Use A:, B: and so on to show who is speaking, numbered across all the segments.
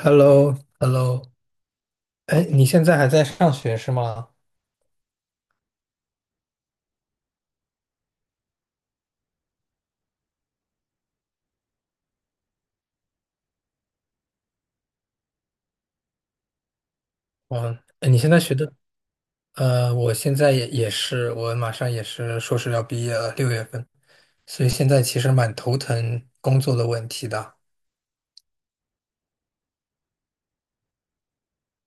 A: h e l l o h e l l o 哎，你现在还在上学是吗？嗯，哎你现在学的，我现在也是，我马上也是硕士要毕业了，六月份，所以现在其实蛮头疼工作的问题的。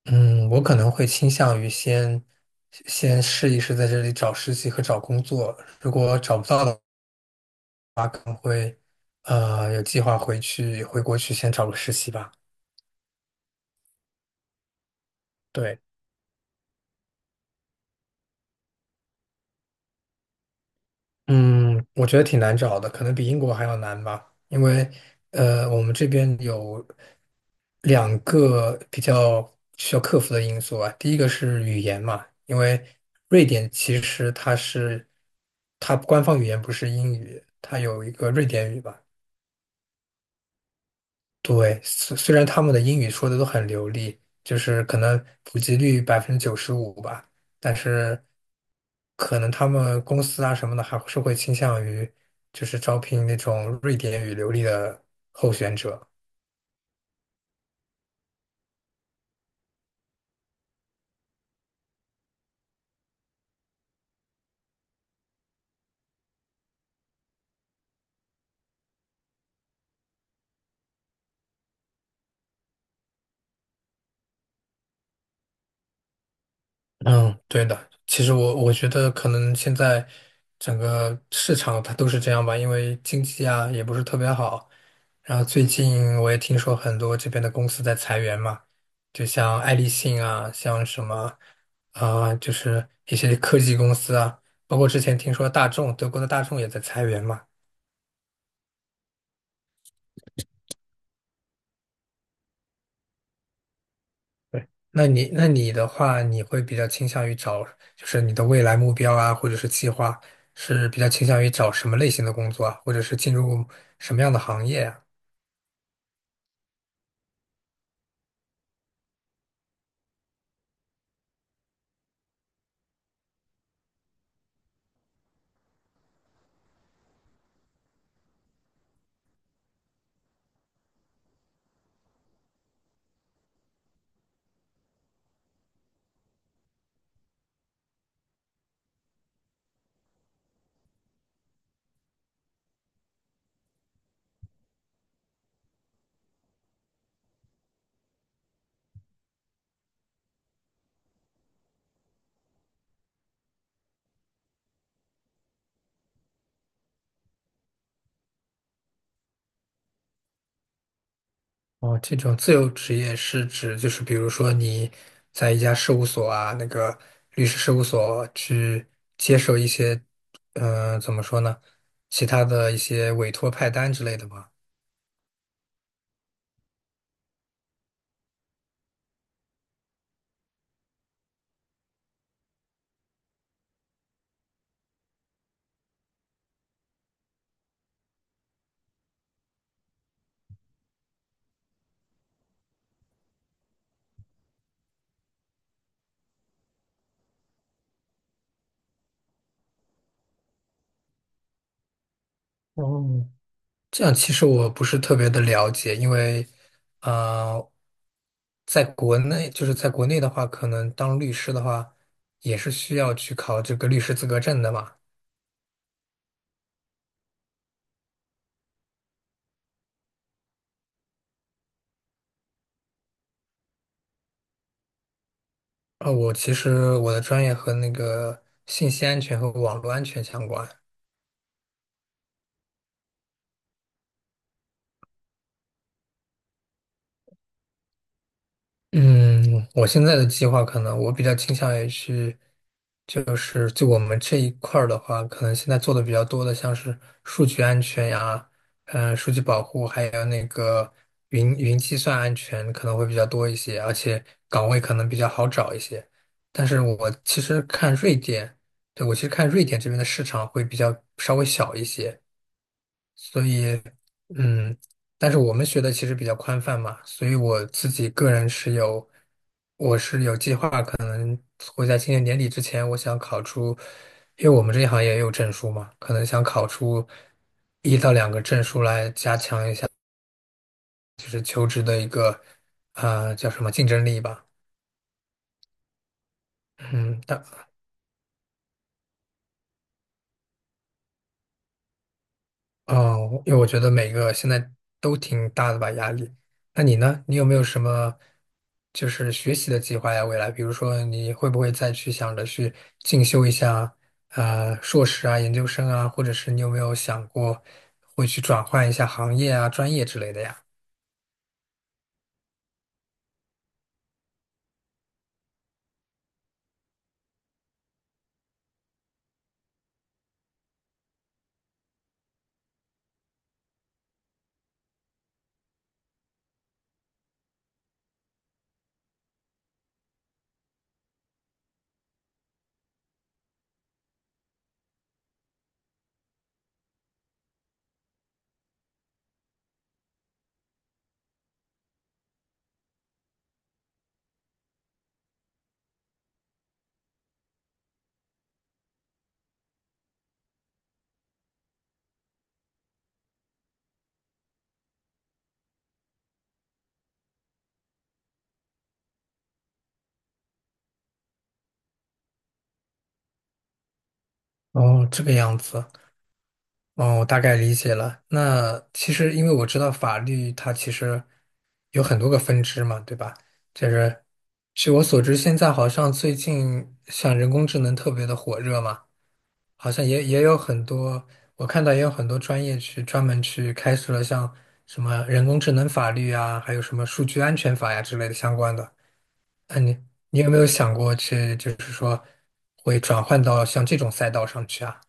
A: 嗯，我可能会倾向于先试一试在这里找实习和找工作，如果找不到的，有计划回国去先找个实习吧。对。嗯，我觉得挺难找的，可能比英国还要难吧，因为我们这边有两个比较需要克服的因素啊。第一个是语言嘛，因为瑞典其实它官方语言不是英语，它有一个瑞典语吧。对，虽然他们的英语说的都很流利，就是可能普及率95%吧，但是可能他们公司啊什么的还是会倾向于就是招聘那种瑞典语流利的候选者。嗯，对的。其实我觉得可能现在整个市场它都是这样吧，因为经济啊也不是特别好。然后最近我也听说很多这边的公司在裁员嘛，就像爱立信啊，像什么啊、就是一些科技公司啊，包括之前听说大众，德国的大众也在裁员嘛。对，那你的话，你会比较倾向于找，就是你的未来目标啊，或者是计划，是比较倾向于找什么类型的工作啊，或者是进入什么样的行业啊？哦，这种自由职业是指就是比如说你在一家事务所啊，那个律师事务所去接受一些，嗯、怎么说呢，其他的一些委托派单之类的吗？哦。这样其实我不是特别的了解，因为，呃，在国内在国内的话，可能当律师的话，也是需要去考这个律师资格证的嘛。啊，我其实我的专业和那个信息安全和网络安全相关，嗯，我现在的计划可能我比较倾向于去，就我们这一块儿的话，可能现在做的比较多的像是数据安全呀，嗯、数据保护，还有那个云计算安全可能会比较多一些，而且岗位可能比较好找一些。但是我其实看瑞典，对，我其实看瑞典这边的市场会比较稍微小一些，所以，嗯，但是我们学的其实比较宽泛嘛，所以我自己个人是有，我是有计划会在今年年底之前，我想考出，因为我们这一行业也有证书嘛，可能想考出一到两个证书来加强一下，就是求职的一个，啊、叫什么竞争力吧，嗯，哦，因为我觉得每个现在都挺大的吧压力。那你呢？你有没有什么就是学习的计划呀？未来，比如说你会不会再去想着去进修一下呃硕士啊、研究生啊，或者是你有没有想过会去转换一下行业啊、专业之类的呀？哦，这个样子。哦，我大概理解了。那其实，因为我知道法律它其实有很多个分支嘛，对吧？就是据我所知，现在好像最近像人工智能特别的火热嘛，好像也有很多，我看到也有很多专业去专门去开设了像什么人工智能法律啊，还有什么数据安全法呀之类的相关的。那你你有没有想过去，就是说会转换到像这种赛道上去啊？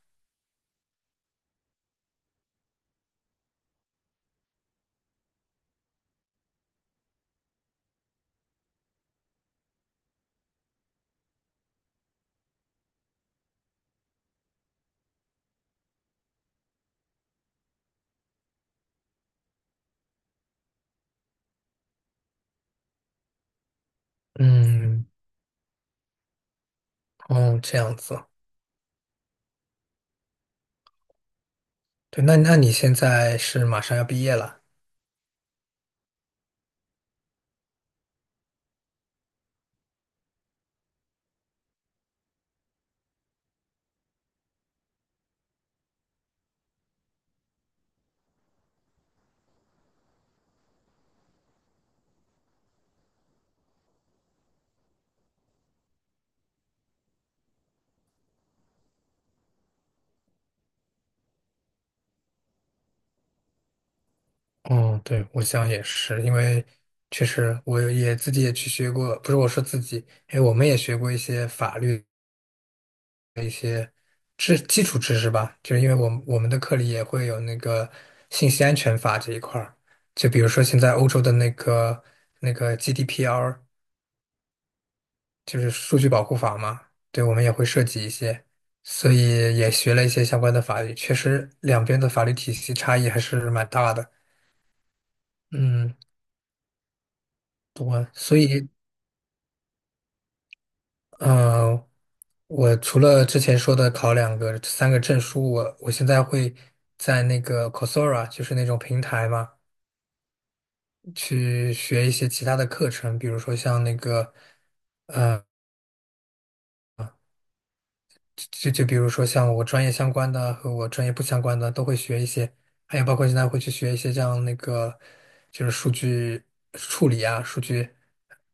A: 嗯，哦，这样子。对，那你现在是马上要毕业了？嗯，对，我想也是，因为确实自己也去学过，不是我说自己，哎，我们也学过一些法律基础知识吧，就是因为我们的课里也会有那个信息安全法这一块儿，就比如说现在欧洲的那个 GDPR,就是数据保护法嘛，对，我们也会涉及一些，所以也学了一些相关的法律，确实两边的法律体系差异还是蛮大的。嗯。我所以，嗯、我除了之前说的考两个、三个证书，我现在会在那个 Coursera,就是那种平台嘛，去学一些其他的课程，比如说像那个，就比如说像我专业相关的和我专业不相关的都会学一些，还有包括现在会去学一些像那个，就是数据处理啊，数据，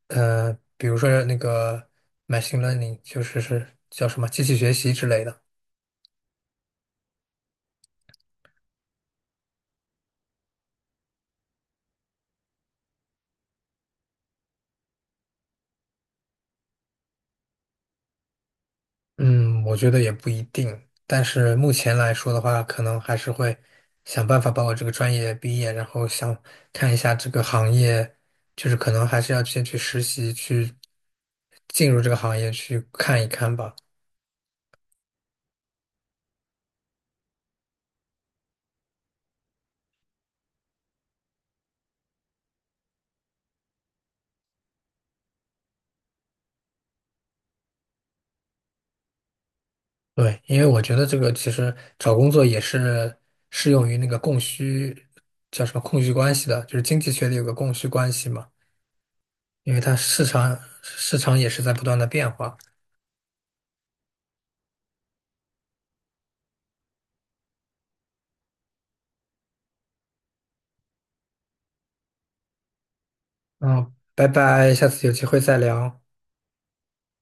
A: 比如说那个 machine learning,就是叫什么机器学习之类的。嗯，我觉得也不一定，但是目前来说的话，可能还是会想办法把我这个专业毕业，然后想看一下这个行业，就是可能还是要先去实习，去进入这个行业去看一看吧。对，因为我觉得这个其实找工作也是适用于那个供需，叫什么供需关系的，就是经济学里有个供需关系嘛，因为它市场也是在不断的变化。嗯，拜拜，下次有机会再聊。